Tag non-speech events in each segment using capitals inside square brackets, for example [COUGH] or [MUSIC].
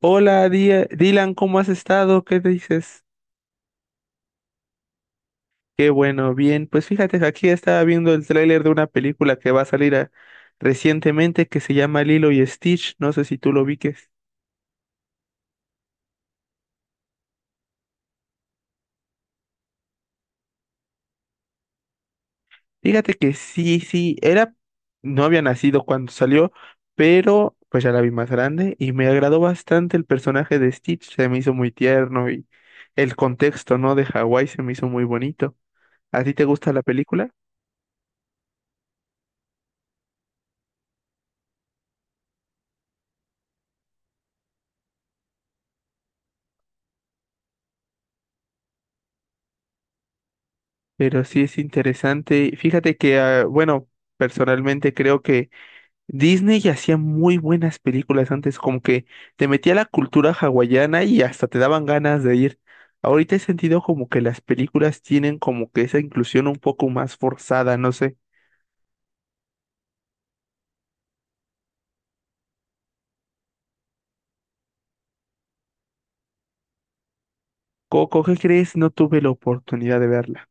Hola, Dylan, ¿cómo has estado? ¿Qué te dices? Qué bueno, bien. Pues fíjate que aquí estaba viendo el tráiler de una película que va a salir recientemente que se llama Lilo y Stitch. No sé si tú lo viques. Fíjate que sí, sí, era, no había nacido cuando salió, pero pues ya la vi más grande y me agradó bastante el personaje de Stitch. Se me hizo muy tierno y el contexto, ¿no? De Hawái se me hizo muy bonito. ¿A ti te gusta la película? Pero sí es interesante. Fíjate que, ah, bueno, personalmente creo que Disney hacía muy buenas películas antes, como que te metía la cultura hawaiana y hasta te daban ganas de ir. Ahorita he sentido como que las películas tienen como que esa inclusión un poco más forzada, no sé. Coco, ¿qué crees? No tuve la oportunidad de verla.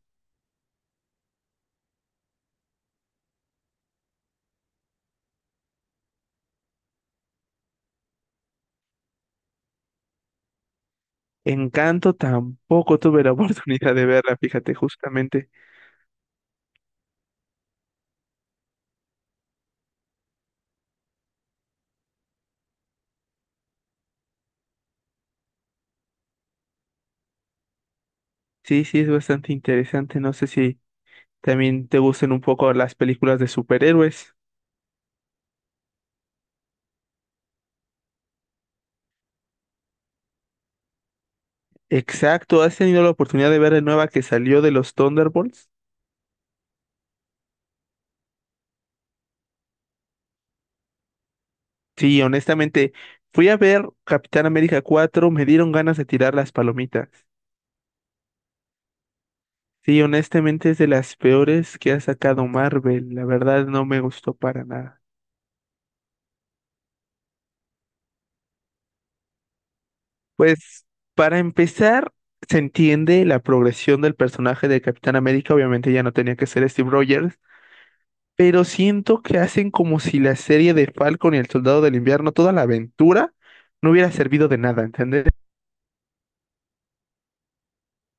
Encanto tampoco tuve la [LAUGHS] oportunidad de verla, fíjate, justamente. Sí, sí, es bastante interesante. No sé si también te gusten un poco las películas de superhéroes. Exacto, ¿has tenido la oportunidad de ver la nueva que salió de los Thunderbolts? Sí, honestamente, fui a ver Capitán América 4, me dieron ganas de tirar las palomitas. Sí, honestamente es de las peores que ha sacado Marvel, la verdad no me gustó para nada. Pues, para empezar, se entiende la progresión del personaje de Capitán América, obviamente ya no tenía que ser Steve Rogers, pero siento que hacen como si la serie de Falcon y el Soldado del Invierno, toda la aventura, no hubiera servido de nada, ¿entendés?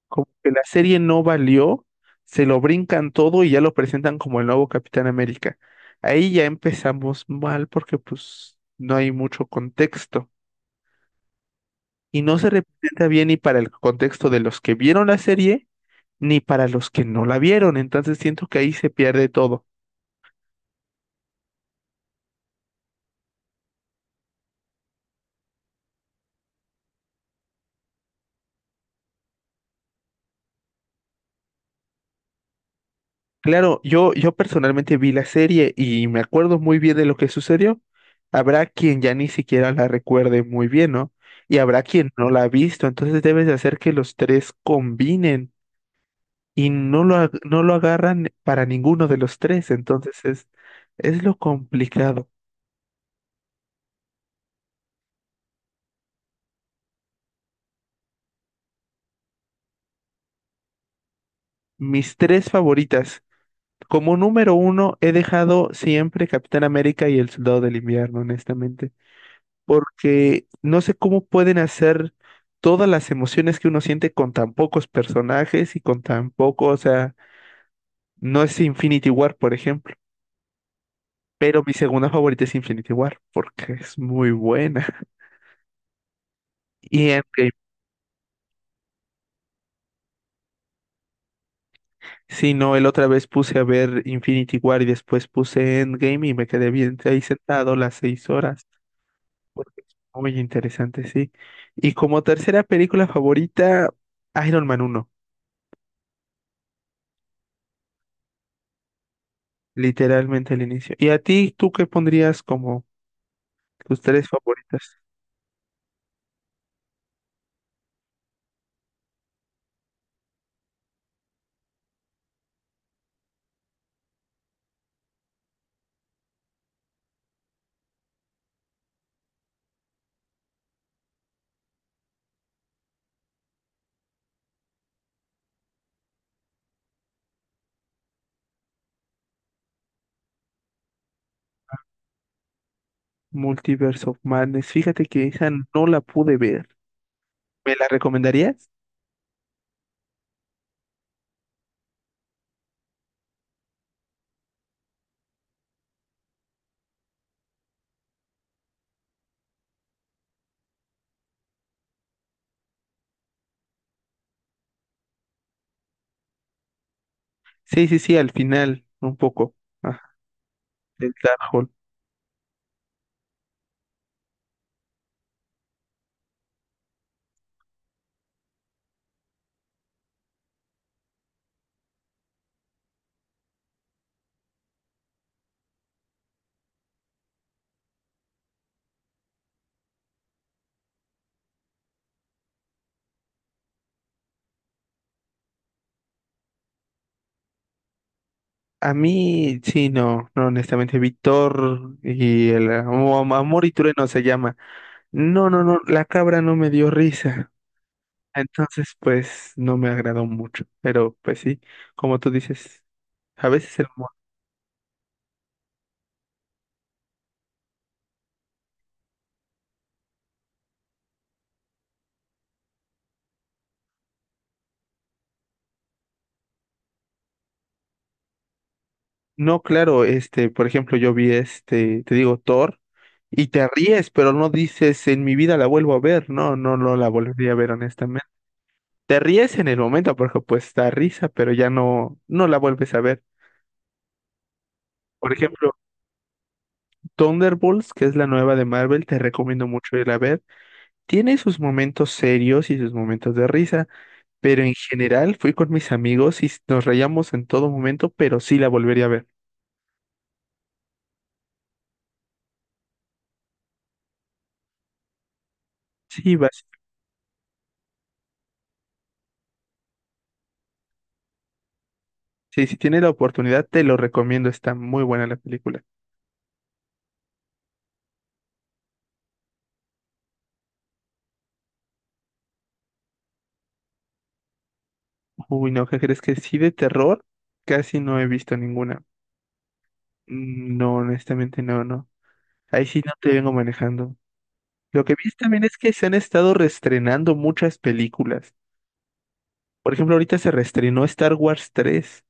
Como que la serie no valió, se lo brincan todo y ya lo presentan como el nuevo Capitán América. Ahí ya empezamos mal porque pues no hay mucho contexto y no se representa bien ni para el contexto de los que vieron la serie ni para los que no la vieron. Entonces siento que ahí se pierde todo. Claro, yo personalmente vi la serie y me acuerdo muy bien de lo que sucedió. Habrá quien ya ni siquiera la recuerde muy bien, ¿no? Y habrá quien no la ha visto, entonces debes de hacer que los tres combinen y no lo agarran para ninguno de los tres, entonces es lo complicado. Mis tres favoritas. Como número uno, he dejado siempre Capitán América y el Soldado del Invierno, honestamente. Porque no sé cómo pueden hacer todas las emociones que uno siente con tan pocos personajes y con tan poco, o sea, no es Infinity War, por ejemplo, pero mi segunda favorita es Infinity War, porque es muy buena. [LAUGHS] Y Endgame, sí, no, el otra vez puse a ver Infinity War y después puse Endgame y me quedé bien ahí sentado las 6 horas, porque es muy interesante, sí. Y como tercera película favorita, Iron Man uno. Literalmente al inicio. ¿Y a ti, tú qué pondrías como tus tres favoritas? Multiverse of Madness. Fíjate que esa no la pude ver. ¿Me la recomendarías? Sí, sí, sí, al final, un poco. Ajá, del Darkhold. A mí, sí, no, no, honestamente, Víctor y el Amor y Trueno se llama. No, no, no, la cabra no me dio risa. Entonces, pues, no me agradó mucho. Pero, pues sí, como tú dices, a veces el humor. No, claro, este, por ejemplo, yo vi este, te digo, Thor, y te ríes, pero no dices, en mi vida la vuelvo a ver, no, no, no la volvería a ver honestamente. Te ríes en el momento porque pues da risa, pero ya no, no la vuelves a ver. Por ejemplo, Thunderbolts, que es la nueva de Marvel, te recomiendo mucho ir a ver. Tiene sus momentos serios y sus momentos de risa, pero en general fui con mis amigos y nos reíamos en todo momento, pero sí la volvería a ver. Sí, sí, si tienes la oportunidad, te lo recomiendo. Está muy buena la película. Uy, no, ¿qué crees que sí de terror? Casi no he visto ninguna. Mm, no, honestamente no, no. Ahí sí no te vengo manejando. Lo que vi también es que se han estado reestrenando muchas películas. Por ejemplo, ahorita se reestrenó Star Wars tres.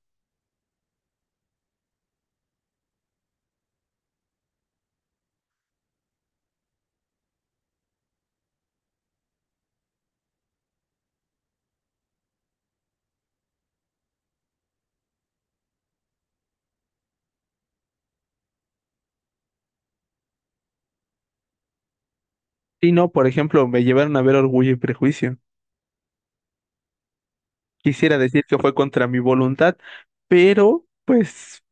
Y no, por ejemplo, me llevaron a ver Orgullo y Prejuicio. Quisiera decir que fue contra mi voluntad, pero pues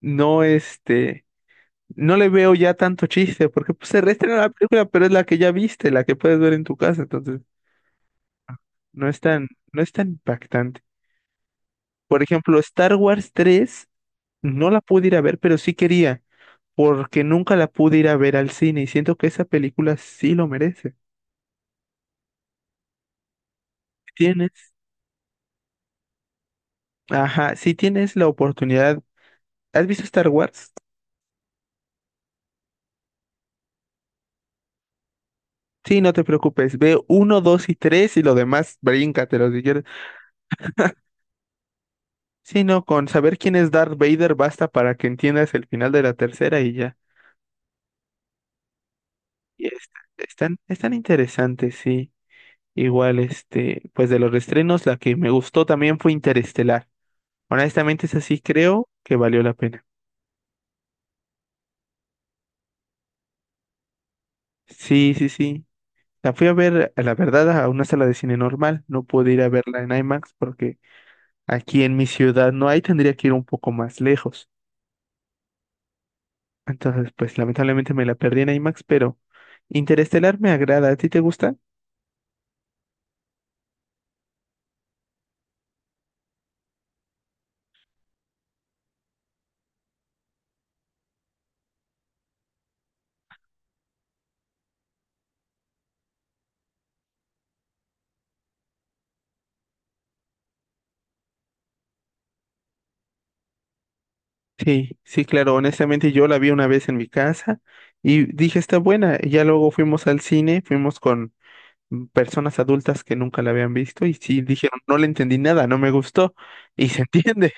no este. No le veo ya tanto chiste, porque pues, se reestrena la película, pero es la que ya viste, la que puedes ver en tu casa, entonces no es tan, no es tan impactante. Por ejemplo, Star Wars 3 no la pude ir a ver, pero sí quería, porque nunca la pude ir a ver al cine y siento que esa película sí lo merece. Si Tienes, ajá, si tienes la oportunidad, ¿has visto Star Wars? Sí, no te preocupes, ve uno, dos y tres y lo demás bríncatelo si quieres. Sí, no, con saber quién es Darth Vader basta para que entiendas el final de la tercera y ya. Y están interesantes, sí. Igual, este, pues de los restrenos, la que me gustó también fue Interestelar. Honestamente, esa sí creo que valió la pena. Sí, sí, sí. La fui a ver, a la verdad, a una sala de cine normal. No pude ir a verla en IMAX porque aquí en mi ciudad no hay, tendría que ir un poco más lejos. Entonces, pues lamentablemente me la perdí en IMAX, pero Interestelar me agrada. ¿A ti te gusta? Sí, sí, claro, honestamente yo la vi una vez en mi casa y dije, está buena. Y ya luego fuimos al cine, fuimos con personas adultas que nunca la habían visto y sí dijeron, no le entendí nada, no me gustó y se [LAUGHS] entiende.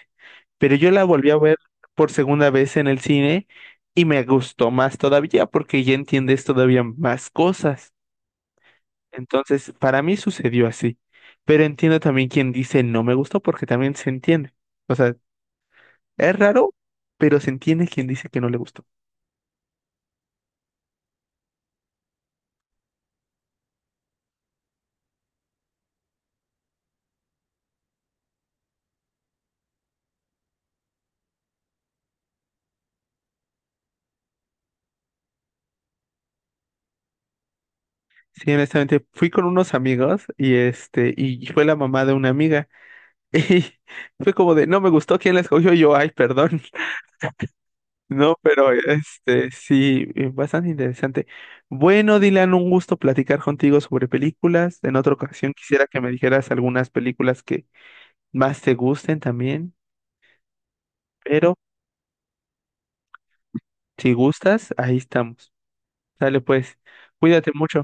Pero yo la volví a ver por segunda vez en el cine y me gustó más todavía porque ya entiendes todavía más cosas. Entonces, para mí sucedió así. Pero entiendo también quien dice no me gustó porque también se entiende. O sea, es raro, pero se entiende quien dice que no le gustó. Sí, honestamente, fui con unos amigos y este, y fue la mamá de una amiga. [LAUGHS] Y fue como de, no me gustó quién la escogió. Y yo, ay, perdón. [LAUGHS] No, pero este, sí, bastante interesante. Bueno, Dylan, un gusto platicar contigo sobre películas. En otra ocasión quisiera que me dijeras algunas películas que más te gusten también, pero si gustas, ahí estamos. Dale pues, cuídate mucho.